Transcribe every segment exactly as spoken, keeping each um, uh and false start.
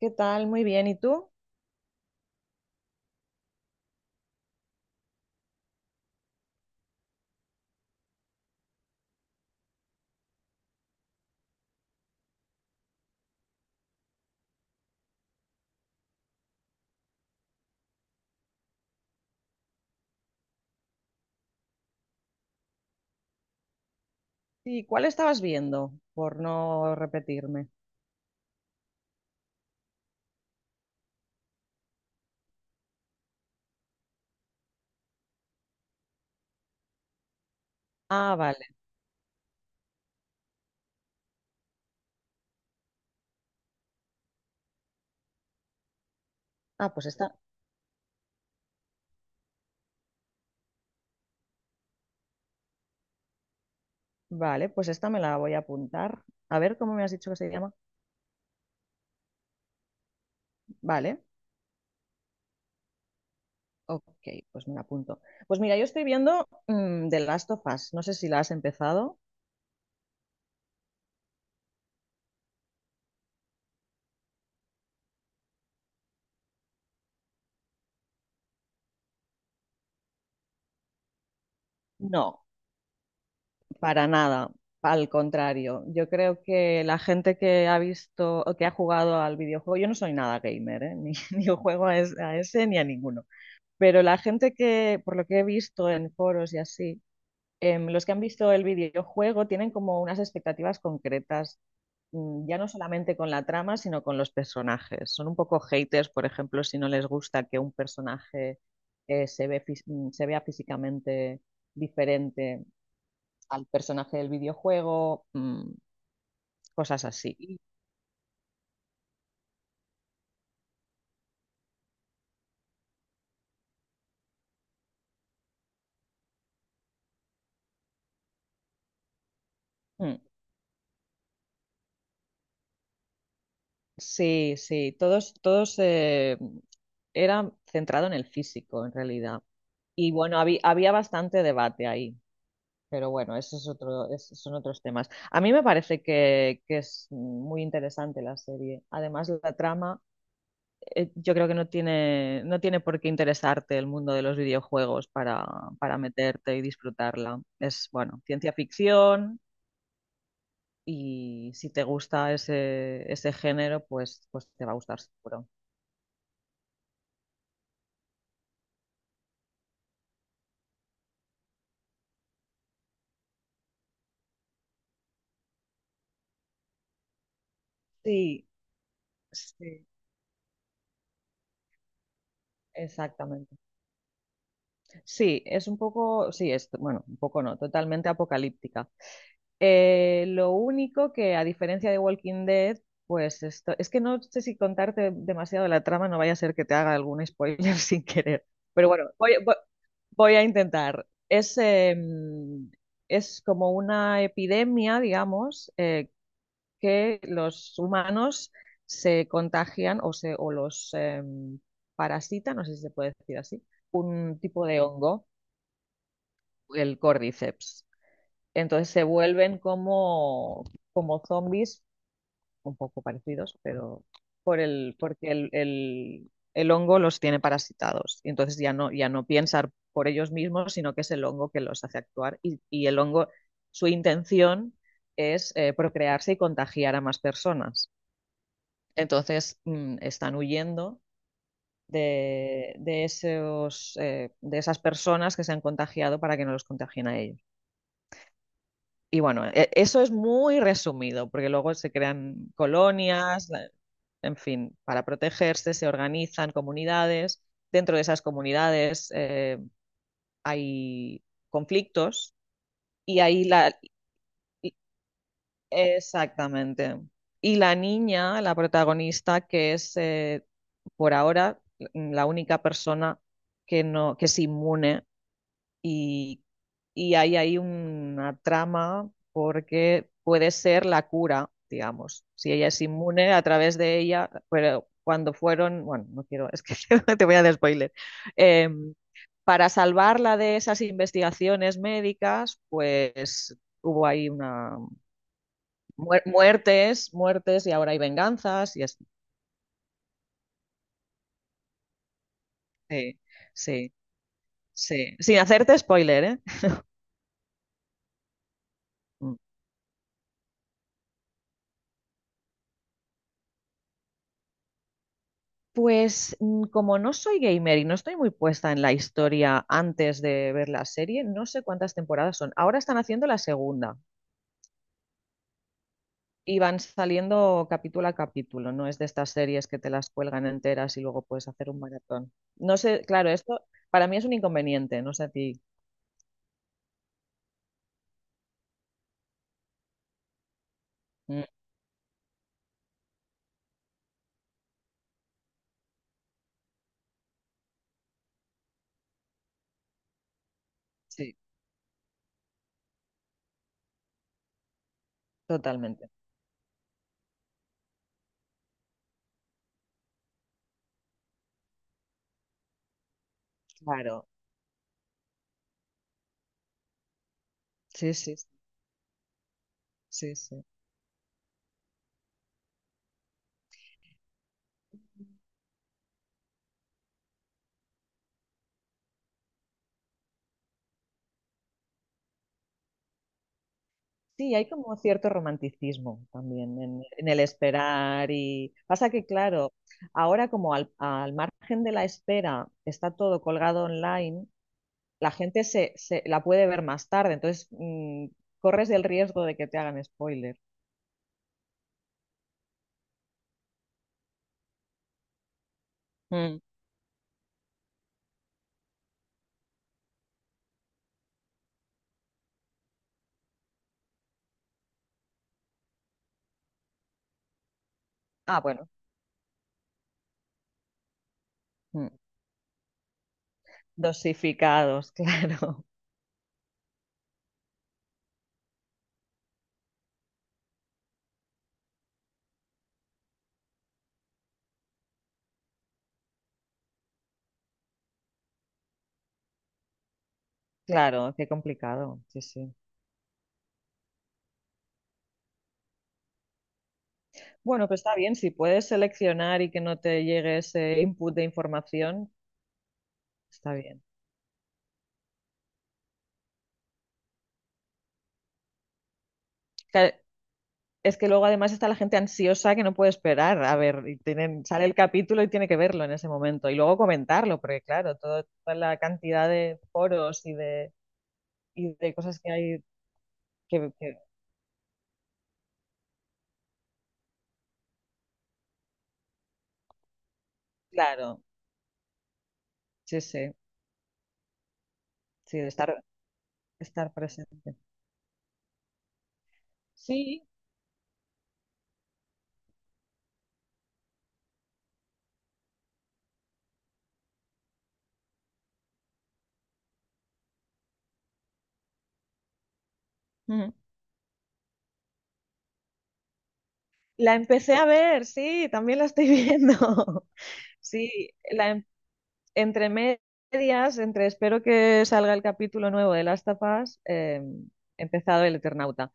¿Qué tal? Muy bien. ¿Y tú? ¿Y cuál estabas viendo? Por no repetirme. Ah, vale. Ah, pues esta. Vale, pues esta me la voy a apuntar. A ver, ¿cómo me has dicho que se llama? Vale. Ok, pues me la apunto. Pues mira, yo estoy viendo mm, The Last of Us. ¿No sé si la has empezado? No, para nada. Al contrario, yo creo que la gente que ha visto o que ha jugado al videojuego, yo no soy nada gamer, ¿eh? Ni, ni juego a, es- a ese ni a ninguno. Pero la gente que, por lo que he visto en foros y así, em, los que han visto el videojuego tienen como unas expectativas concretas, mm, ya no solamente con la trama, sino con los personajes. Son un poco haters, por ejemplo, si no les gusta que un personaje eh, se ve fis- mm, se vea físicamente diferente al personaje del videojuego, mm, cosas así. Mm. Sí, sí, todos, todos eh, era centrado en el físico en realidad. Y bueno, había, había bastante debate ahí, pero bueno, esos es otro, esos son otros temas. A mí me parece que, que es muy interesante la serie. Además, la trama, eh, yo creo que no tiene, no tiene por qué interesarte el mundo de los videojuegos para, para meterte y disfrutarla. Es, bueno, ciencia ficción y si te gusta ese, ese género, pues, pues te va a gustar seguro. Sí, sí, exactamente. Sí, es un poco, sí, es, bueno, un poco no, totalmente apocalíptica. Eh, lo único que, a diferencia de Walking Dead, pues esto, es que no sé si contarte demasiado la trama, no vaya a ser que te haga algún spoiler sin querer. Pero bueno, voy, voy- voy a intentar. Es, em, es como una epidemia, digamos, eh, que los humanos se contagian o, se, o los eh, parasitan, no sé si se puede decir así, un tipo de hongo, el cordyceps. Entonces se vuelven como, como zombies, un poco parecidos, pero por el, porque el, el, el hongo los tiene parasitados. Y entonces ya no, ya no piensan por ellos mismos, sino que es el hongo que los hace actuar. Y, y el hongo, su intención es eh, procrearse y contagiar a más personas. Entonces, mm, están huyendo de, de esos, eh, de esas personas que se han contagiado para que no los contagien a ellos. Y bueno, e- eso es muy resumido, porque luego se crean colonias, la- en fin, para protegerse, se organizan comunidades. Dentro de esas comunidades eh, hay conflictos y ahí la, exactamente. Y la niña, la protagonista, que es eh, por ahora mm, la única persona que no, que es inmune y, y hay ahí una trama porque puede ser la cura, digamos. Si ella es inmune a través de ella, pero cuando fueron, bueno, no quiero, es que te voy a dar spoiler. Em, para salvarla de esas investigaciones médicas, pues hubo ahí una Muer- muertes, muertes y ahora hay venganzas y así. Sí, sí, sí. Sin hacerte spoiler, ¿eh? Mm. Pues mm, como no soy gamer y no estoy muy puesta en la historia antes de ver la serie, no sé cuántas temporadas son. Ahora están haciendo la segunda y van saliendo capítulo a capítulo, no es de estas series que te las cuelgan enteras y luego puedes hacer un maratón. No sé, claro, esto para mí es un inconveniente, no sé a ti. Mm, sí, totalmente. Claro, sí, sí, sí, sí. Sí, hay como cierto romanticismo también en, en el esperar y pasa que, claro, ahora como al, al margen de la espera está todo colgado online, la gente se, se- la puede ver más tarde, entonces mm, corres el riesgo de que te hagan spoiler. Mm. Ah, bueno, mm. Dosificados, claro, claro, qué complicado, sí, sí. Bueno, pues está bien, si puedes seleccionar y que no te llegue ese input de información, está bien. Claro, es que luego además está la gente ansiosa que no puede esperar. A ver, y tienen, sale el capítulo y tiene que verlo en ese momento. Y luego comentarlo, porque claro, todo- toda la cantidad de foros y de, y de cosas que hay que, que- claro, sí, sí, sí, de estar, estar presente. Sí. Ujú. La empecé a ver, sí, también la estoy viendo. Sí, la, em- entre medias, entre espero que salga el capítulo nuevo de Las Tapas, eh, he empezado El Eternauta.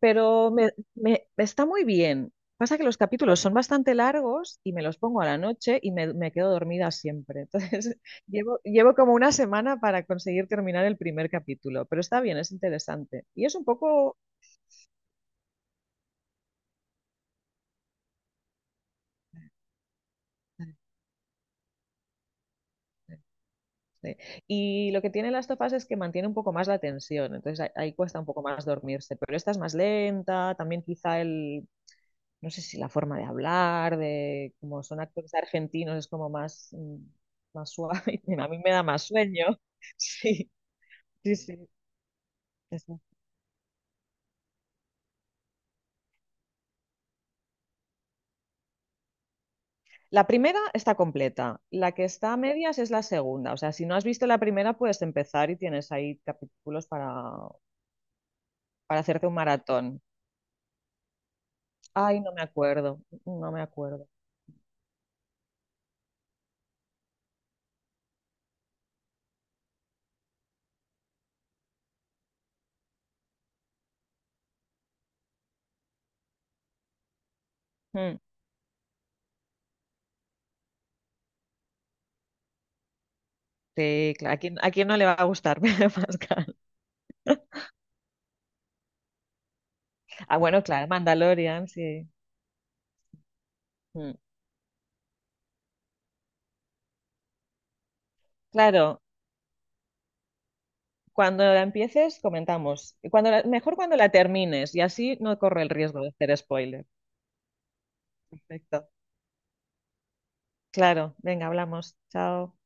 Pero me, me- está muy bien. Pasa que los capítulos son bastante largos y me los pongo a la noche y me, me quedo dormida siempre. Entonces, llevo, llevo como una semana para conseguir terminar el primer capítulo, pero está bien, es interesante. Y es un poco... sí. Y lo que tiene Las Tofas es que mantiene un poco más la tensión, entonces ahí, ahí cuesta un poco más dormirse, pero esta es más lenta, también quizá el, no sé si la forma de hablar, de como son actores argentinos, es como más, mm, más suave. A mí me da más sueño. Sí, sí, sí. es- La primera está completa, la que está a medias es la segunda. O sea, si no has visto la primera, puedes empezar y tienes ahí capítulos para, para hacerte un maratón. Ay, no me acuerdo, no me acuerdo. Mm, sí, claro, ¿a quién, a quién no le va a gustar, Pedro Pascal? Ah, bueno, claro, Mandalorian, sí. Mm. Claro, cuando la empieces, comentamos. Y Cuando la- mejor cuando la termines y así no corre el riesgo de hacer spoiler. Perfecto. Claro, venga, hablamos. Chao.